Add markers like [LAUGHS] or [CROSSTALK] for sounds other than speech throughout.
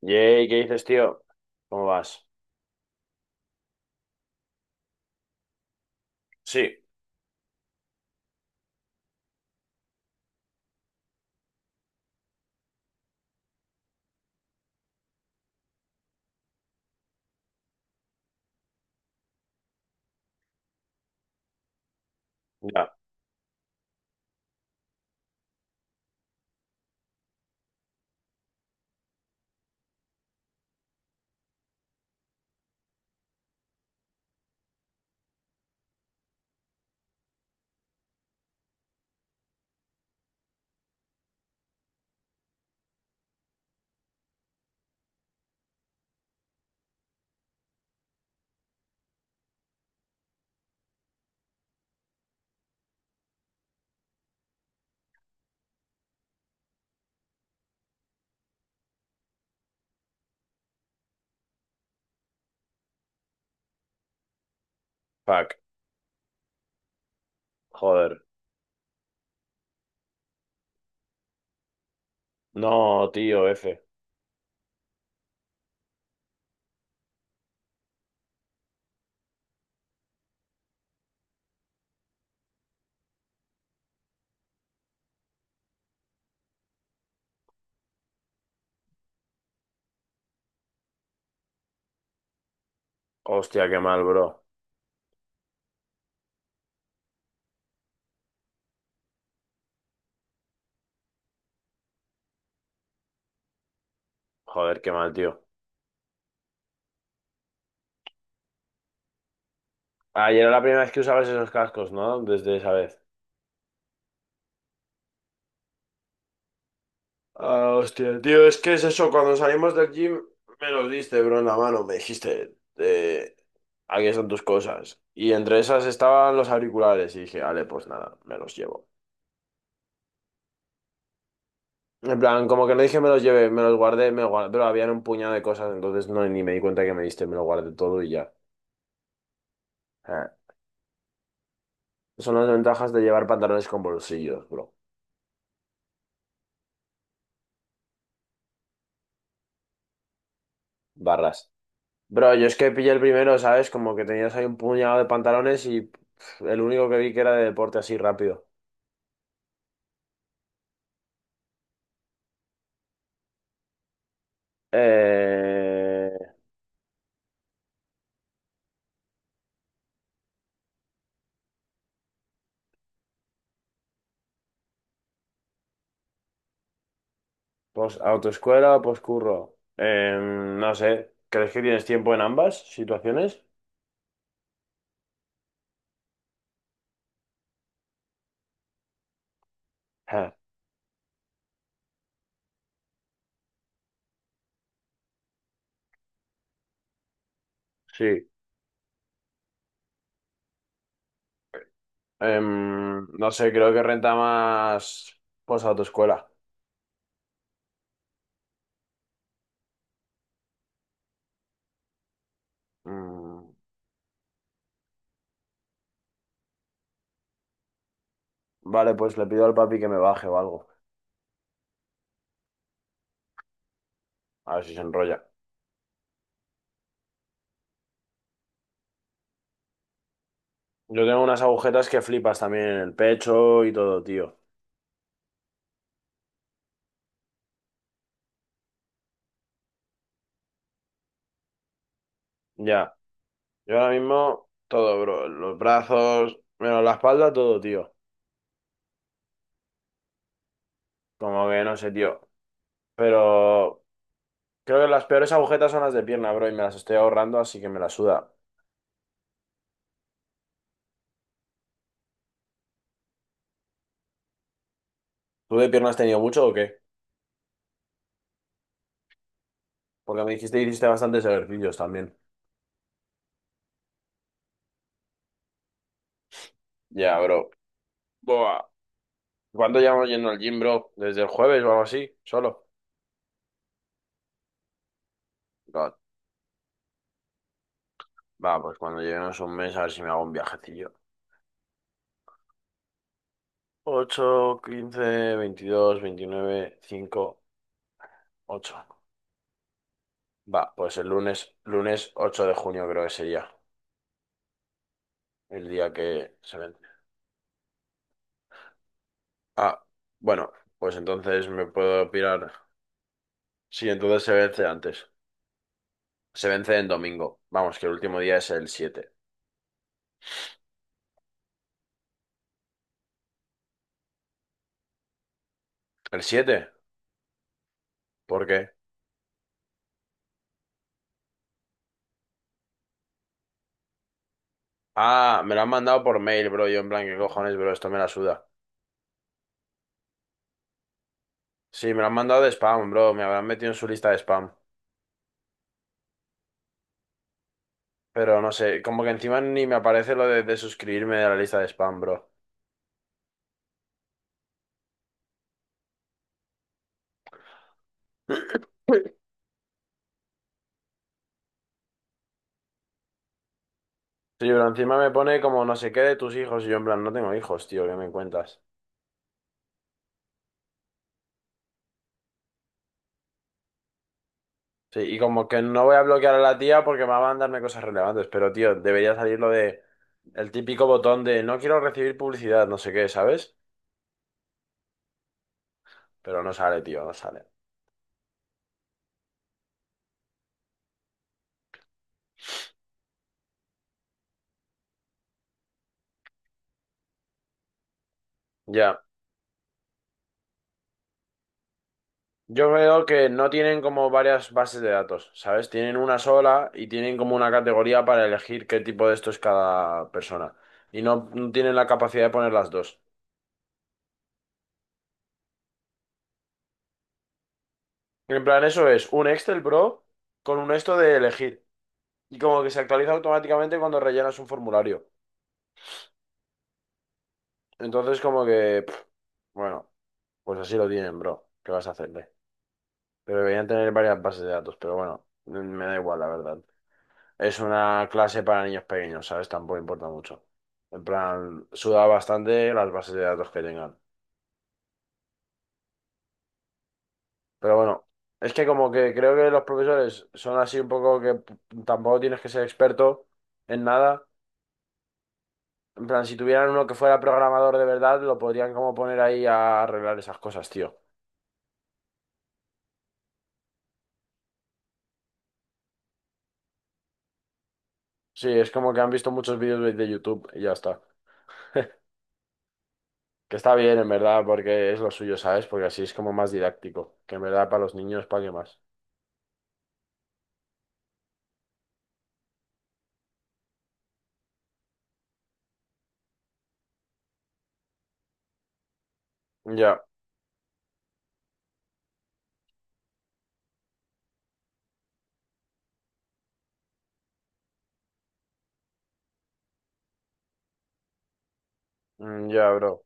Yay, ¿qué dices, tío? ¿Cómo vas? Sí, ya, fuck, joder. No, tío, F. Hostia, qué mal, bro. Joder, qué mal, tío. Ayer era la primera vez que usabas esos cascos, ¿no? Desde esa vez. Ah, hostia, tío, es que es eso, cuando salimos del gym me los diste, bro, en la mano, me dijiste, aquí están tus cosas. Y entre esas estaban los auriculares y dije, vale, pues nada, me los llevo. En plan, como que no dije me los llevé, me los guardé, pero habían un puñado de cosas, entonces no ni me di cuenta que me diste, me lo guardé todo y ya. Ah. Son las ventajas de llevar pantalones con bolsillos, bro. Barras. Bro, yo es que pillé el primero, ¿sabes? Como que tenías ahí un puñado de pantalones y el único que vi que era de deporte así rápido. Eh... Pues autoescuela o poscurro. No sé. ¿Crees que tienes tiempo en ambas situaciones? Ja. Sí. No sé, creo que renta más pues autoescuela. Mm, vale, pues le pido al papi que me baje o algo. A ver si se enrolla. Yo tengo unas agujetas que flipas también en el pecho y todo, tío. Ya. Yo ahora mismo todo, bro. Los brazos, menos la espalda, todo, tío. Como que no sé, tío. Pero creo que las peores agujetas son las de pierna, bro, y me las estoy ahorrando, así que me la suda. ¿Tú de pierna has tenido mucho o qué? Porque me dijiste que hiciste bastantes ejercicios también. Ya, bro. Buah. ¿Cuándo llevamos yendo al gym, bro? ¿Desde el jueves o algo así? ¿Solo? God. Va, pues cuando lleguemos un mes a ver si me hago un viajecillo. 8, 15, 22, 29, 5, 8. Va, pues el lunes, lunes 8 de junio creo que sería el día que se vence. Ah, bueno, pues entonces me puedo pirar. Sí, entonces se vence antes. Se vence en domingo. Vamos, que el último día es el 7. ¿El 7? ¿Por qué? Ah, me lo han mandado por mail, bro. Yo en plan, ¿qué cojones, bro? Esto me la suda. Sí, me lo han mandado de spam, bro. Me habrán metido en su lista de spam. Pero no sé, como que encima ni me aparece lo de suscribirme a la lista de spam, bro. [LAUGHS] Sí, pero encima me pone como no sé qué de tus hijos y yo en plan, no tengo hijos, tío, ¿qué me cuentas? Sí, y como que no voy a bloquear a la tía porque me va a mandarme cosas relevantes, pero tío, debería salir lo de el típico botón de no quiero recibir publicidad, no sé qué, ¿sabes? Pero no sale, tío, no sale. Ya. Yo veo que no tienen como varias bases de datos, ¿sabes? Tienen una sola y tienen como una categoría para elegir qué tipo de esto es cada persona. Y no, no tienen la capacidad de poner las dos. En plan, eso es un Excel, bro, con un esto de elegir. Y como que se actualiza automáticamente cuando rellenas un formulario. Entonces, como que, bueno, pues así lo tienen, bro. ¿Qué vas a hacerle? Pero deberían tener varias bases de datos, pero bueno, me da igual, la verdad. Es una clase para niños pequeños, ¿sabes? Tampoco importa mucho. En plan, suda bastante las bases de datos que tengan. Pero bueno, es que como que creo que los profesores son así un poco tampoco tienes que ser experto en nada. En plan, si tuvieran uno que fuera programador de verdad, lo podrían como poner ahí a arreglar esas cosas, tío. Sí, es como que han visto muchos vídeos de YouTube y ya está. Que está bien, en verdad, porque es lo suyo, ¿sabes? Porque así es como más didáctico. Que en verdad para los niños, ¿para qué más? Ya, mm, ya, bro.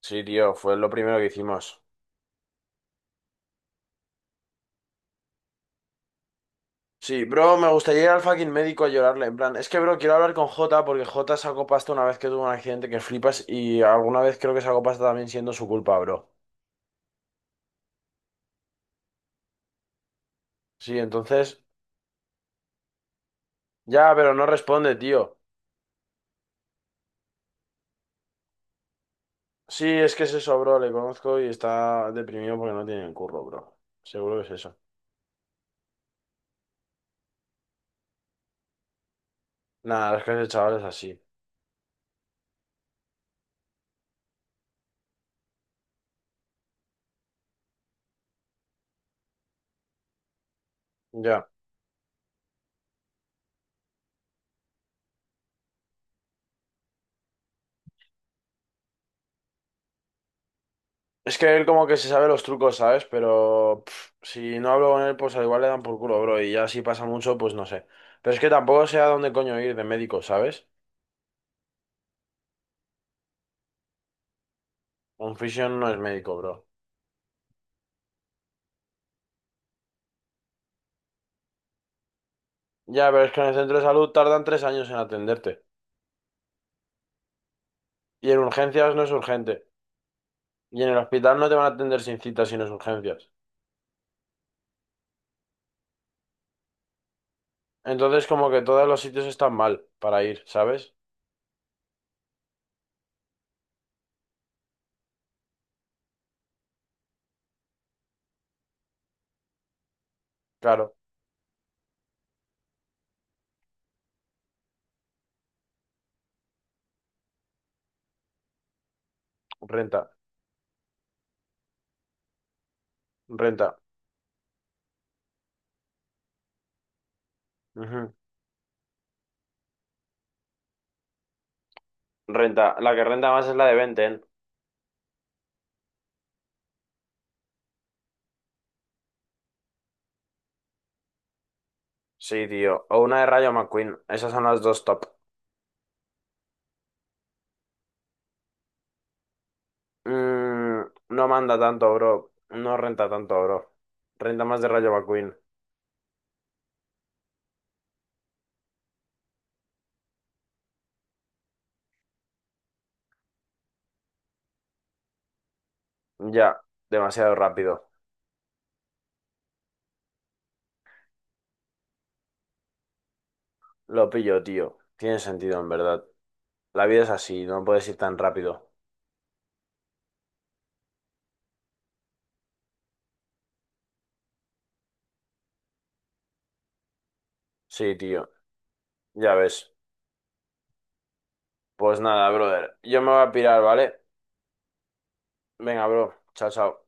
Sí, tío, fue lo primero que hicimos. Sí, bro, me gustaría ir al fucking médico a llorarle. En plan, es que, bro, quiero hablar con Jota porque Jota sacó pasta una vez que tuvo un accidente que flipas y alguna vez creo que sacó pasta también siendo su culpa, bro. Sí, entonces, ya, pero no responde, tío. Sí, es que es eso, bro, le conozco y está deprimido porque no tiene el curro, bro. Seguro que es eso. Nada, las clases de chavales así. Ya. Es que él como que se sabe los trucos, ¿sabes? Pero si no hablo con él, pues al igual le dan por culo, bro. Y ya si pasa mucho, pues no sé. Pero es que tampoco sé a dónde coño ir de médico, ¿sabes? Un fisio no es médico, bro. Ya, pero es que en el centro de salud tardan 3 años en atenderte. Y en urgencias no es urgente. Y en el hospital no te van a atender sin cita si no es urgencias. Entonces como que todos los sitios están mal para ir, ¿sabes? Claro, renta, renta. Ujú. Renta. La que renta más es la de Benten. Sí, tío. O una de Rayo McQueen. Esas son las dos top. Mm, no manda tanto, bro. No renta tanto, bro. Renta más de Rayo McQueen. Ya, demasiado rápido. Lo pillo, tío. Tiene sentido, en verdad. La vida es así, no puedes ir tan rápido. Sí, tío. Ya ves. Pues nada, brother. Yo me voy a pirar, ¿vale? Venga, bro. Chao, chao.